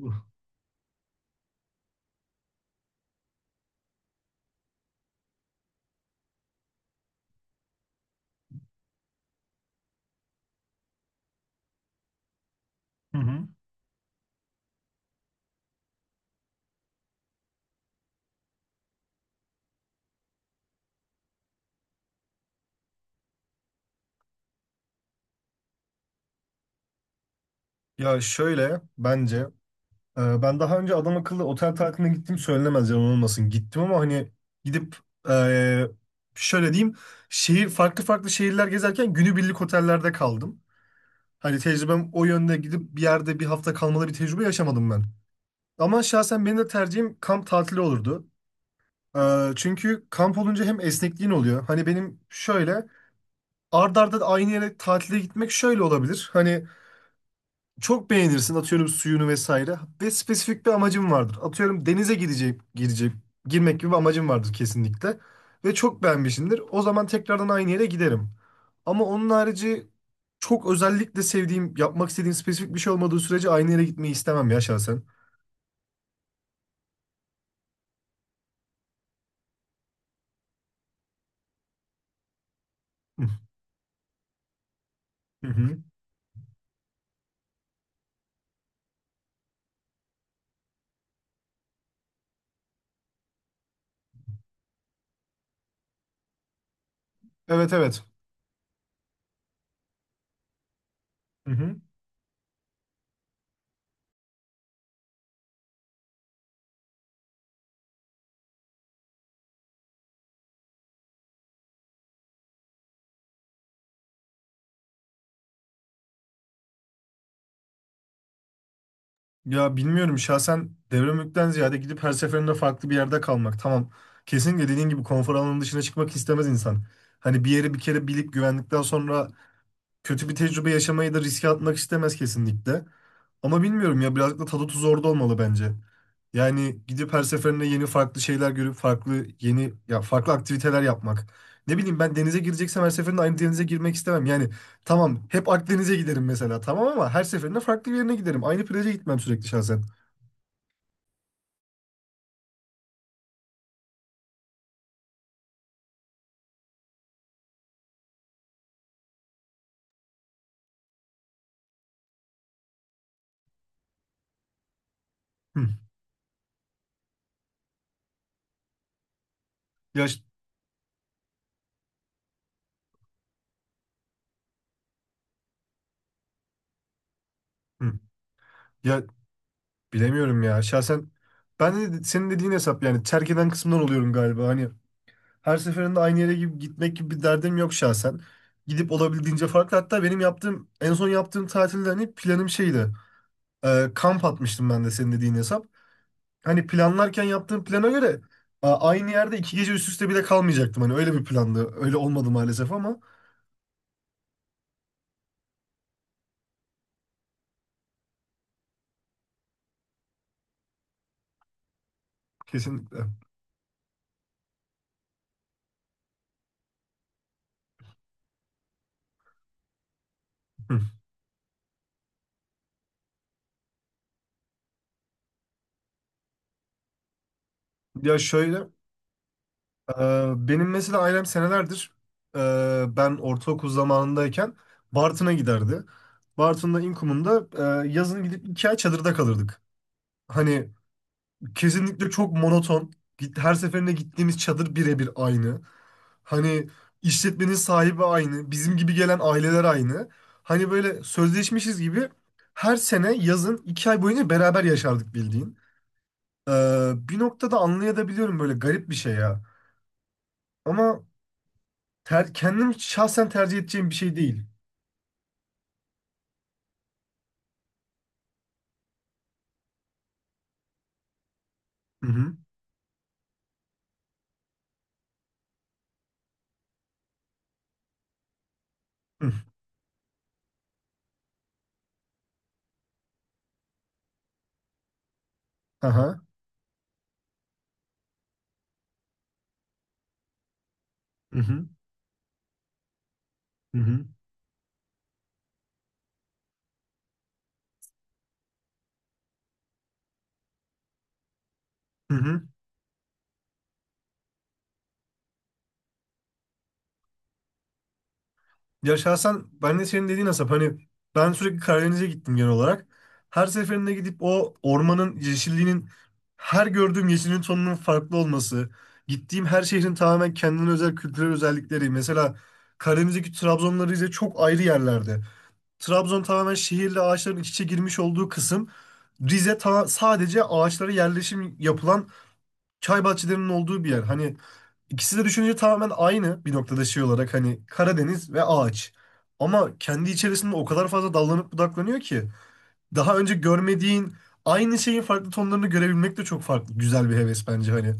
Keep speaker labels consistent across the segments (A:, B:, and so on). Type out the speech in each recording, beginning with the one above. A: Hı hı. Ya şöyle bence ben daha önce adam akıllı otel tatiline gittim söylenemez yalan olmasın. Gittim ama hani gidip e, şöyle diyeyim farklı farklı şehirler gezerken günübirlik otellerde kaldım. Hani tecrübem o yönde gidip bir yerde bir hafta kalmalı bir tecrübe yaşamadım ben. Ama şahsen benim de tercihim kamp tatili olurdu. Çünkü kamp olunca hem esnekliğin oluyor. Hani benim şöyle ard arda aynı yere tatile gitmek şöyle olabilir. Hani çok beğenirsin atıyorum suyunu vesaire ve spesifik bir amacın vardır. Atıyorum denize gidecek, girecek, girmek gibi bir amacın vardır kesinlikle ve çok beğenmişsindir. O zaman tekrardan aynı yere giderim. Ama onun harici çok özellikle sevdiğim, yapmak istediğim spesifik bir şey olmadığı sürece aynı yere gitmeyi istemem ya şahsen. Hı hı. Evet evet. Hı hı. Ya bilmiyorum şahsen devre ziyade gidip her seferinde farklı bir yerde kalmak. Tamam. Kesinlikle dediğin gibi konfor alanının dışına çıkmak istemez insan. Hani bir yeri bir kere bilip güvendikten sonra kötü bir tecrübe yaşamayı da riske atmak istemez kesinlikle. Ama bilmiyorum ya birazcık da tadı tuzu orada olmalı bence. Yani gidip her seferinde yeni farklı şeyler görüp farklı yeni ya farklı aktiviteler yapmak. Ne bileyim ben denize gireceksem her seferinde aynı denize girmek istemem. Yani tamam hep Akdeniz'e giderim mesela tamam ama her seferinde farklı bir yerine giderim. Aynı plaja gitmem sürekli şahsen. Hı. Ya, ş- hı. Ya bilemiyorum ya şahsen ben de senin dediğin hesap yani terk eden kısımdan oluyorum galiba. Hani her seferinde aynı yere gibi gitmek gibi bir derdim yok şahsen. Gidip olabildiğince farklı. Hatta benim yaptığım en son yaptığım tatilde hani planım şeydi. Kamp atmıştım ben de senin dediğin hesap. Hani planlarken yaptığım plana göre aynı yerde iki gece üst üste bile kalmayacaktım. Hani öyle bir plandı. Öyle olmadı maalesef ama kesinlikle. Hı. Ya şöyle benim mesela ailem senelerdir ben ortaokul zamanındayken Bartın'a giderdi. Bartın'da İnkum'unda yazın gidip 2 ay çadırda kalırdık. Hani kesinlikle çok monoton. Her seferinde gittiğimiz çadır birebir aynı. Hani işletmenin sahibi aynı. Bizim gibi gelen aileler aynı. Hani böyle sözleşmişiz gibi her sene yazın 2 ay boyunca beraber yaşardık bildiğin. Bir noktada anlayabiliyorum böyle garip bir şey ya. Ama kendim şahsen tercih edeceğim bir şey değil. Hı hı. Hı. Aha. Hı hı. Hı hı. Hı hı. Ya şahsen ben de senin dediğin Asap hani ben sürekli Karadeniz'e gittim genel olarak. Her seferinde gidip o ormanın yeşilliğinin her gördüğüm yeşilin tonunun farklı olması, gittiğim her şehrin tamamen kendine özel kültürel özellikleri. Mesela Karadeniz'deki Trabzon'la Rize çok ayrı yerlerde. Trabzon tamamen şehirle ağaçların iç içe girmiş olduğu kısım. Rize sadece ağaçlara yerleşim yapılan çay bahçelerinin olduğu bir yer. Hani İkisi de düşününce tamamen aynı bir noktada şey olarak hani Karadeniz ve ağaç. Ama kendi içerisinde o kadar fazla dallanıp budaklanıyor ki daha önce görmediğin aynı şeyin farklı tonlarını görebilmek de çok farklı. Güzel bir heves bence hani.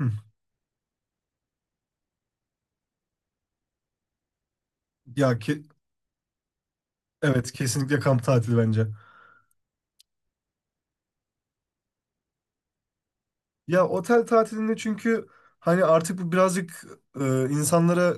A: Hı. Ya ki evet kesinlikle kamp tatili bence. Ya otel tatilinde çünkü hani artık bu birazcık insanlara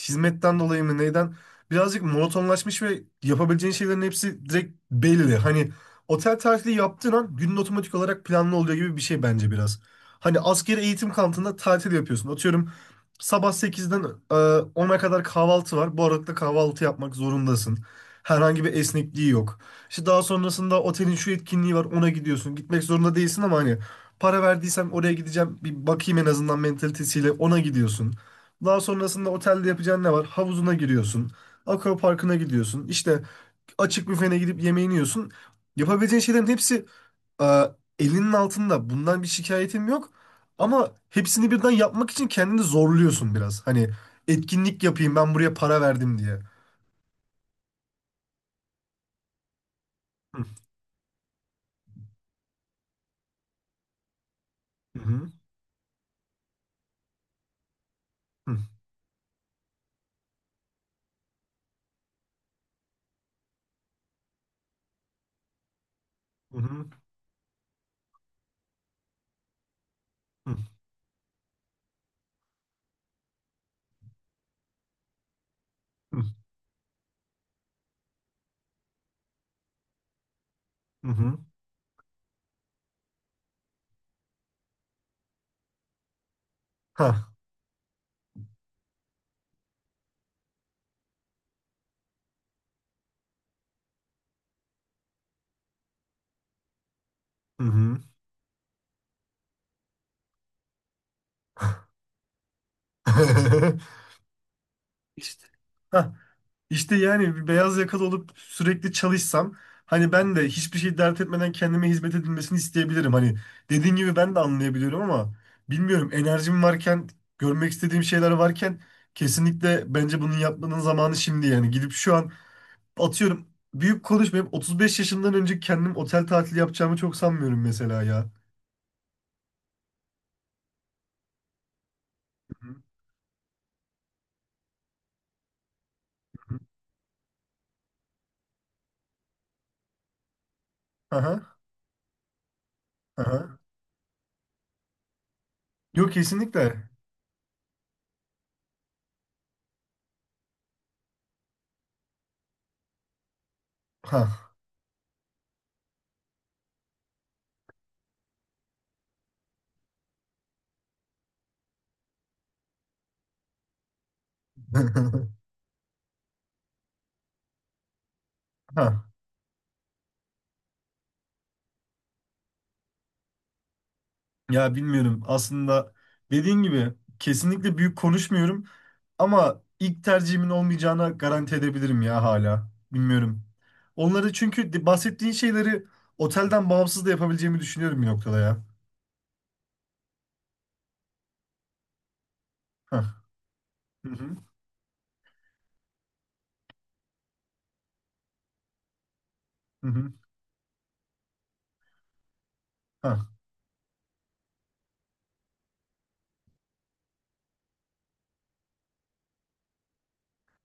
A: hizmetten dolayı mı neyden birazcık monotonlaşmış ve yapabileceğin şeylerin hepsi direkt belli. Hani otel tatili yaptığın an günün otomatik olarak planlı oluyor gibi bir şey bence biraz. Hani askeri eğitim kampında tatil yapıyorsun. Atıyorum sabah sekizden e, 10'a kadar kahvaltı var. Bu arada kahvaltı yapmak zorundasın. Herhangi bir esnekliği yok. İşte daha sonrasında otelin şu etkinliği var ona gidiyorsun. Gitmek zorunda değilsin ama hani para verdiysem oraya gideceğim. Bir bakayım en azından mentalitesiyle ona gidiyorsun. Daha sonrasında otelde yapacağın ne var? Havuzuna giriyorsun. Akvaparkına gidiyorsun. İşte açık büfene gidip yemeğini yiyorsun. Yapabileceğin şeylerin hepsi e, elinin altında. Bundan bir şikayetim yok. Ama hepsini birden yapmak için kendini zorluyorsun biraz. Hani etkinlik yapayım ben buraya para verdim diye. Hı hı hı hı hı hı hı hı. Ha. Hı hı. İşte, ha, işte yani bir beyaz yakalı olup sürekli çalışsam hani ben de hiçbir şey dert etmeden kendime hizmet edilmesini isteyebilirim. Hani dediğin gibi ben de anlayabiliyorum ama bilmiyorum enerjim varken görmek istediğim şeyler varken kesinlikle bence bunun yapmanın zamanı şimdi yani gidip şu an atıyorum büyük konuşmayıp 35 yaşından önce kendim otel tatili yapacağımı çok sanmıyorum mesela ya. Hı hı. Aha, aha. Yok kesinlikle. Ha. Ha. Ya bilmiyorum. Aslında dediğin gibi kesinlikle büyük konuşmuyorum ama ilk tercihimin olmayacağına garanti edebilirim ya hala. Bilmiyorum. Onları çünkü bahsettiğin şeyleri otelden bağımsız da yapabileceğimi düşünüyorum bir noktada ya. Hah. Hı hı. Hı hı. Hah.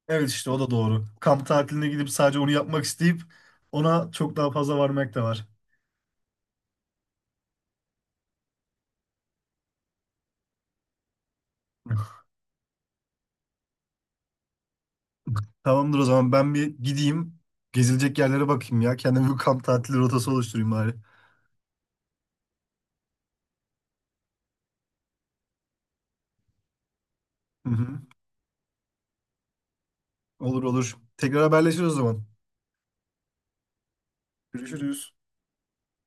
A: Evet işte o da doğru. Kamp tatiline gidip sadece onu yapmak isteyip ona çok daha fazla varmak da var. Tamamdır o zaman ben bir gideyim. Gezilecek yerlere bakayım ya. Kendime bir kamp tatili rotası oluşturayım bari. Hı hı. Olur olur. Tekrar haberleşiriz o zaman. Görüşürüz.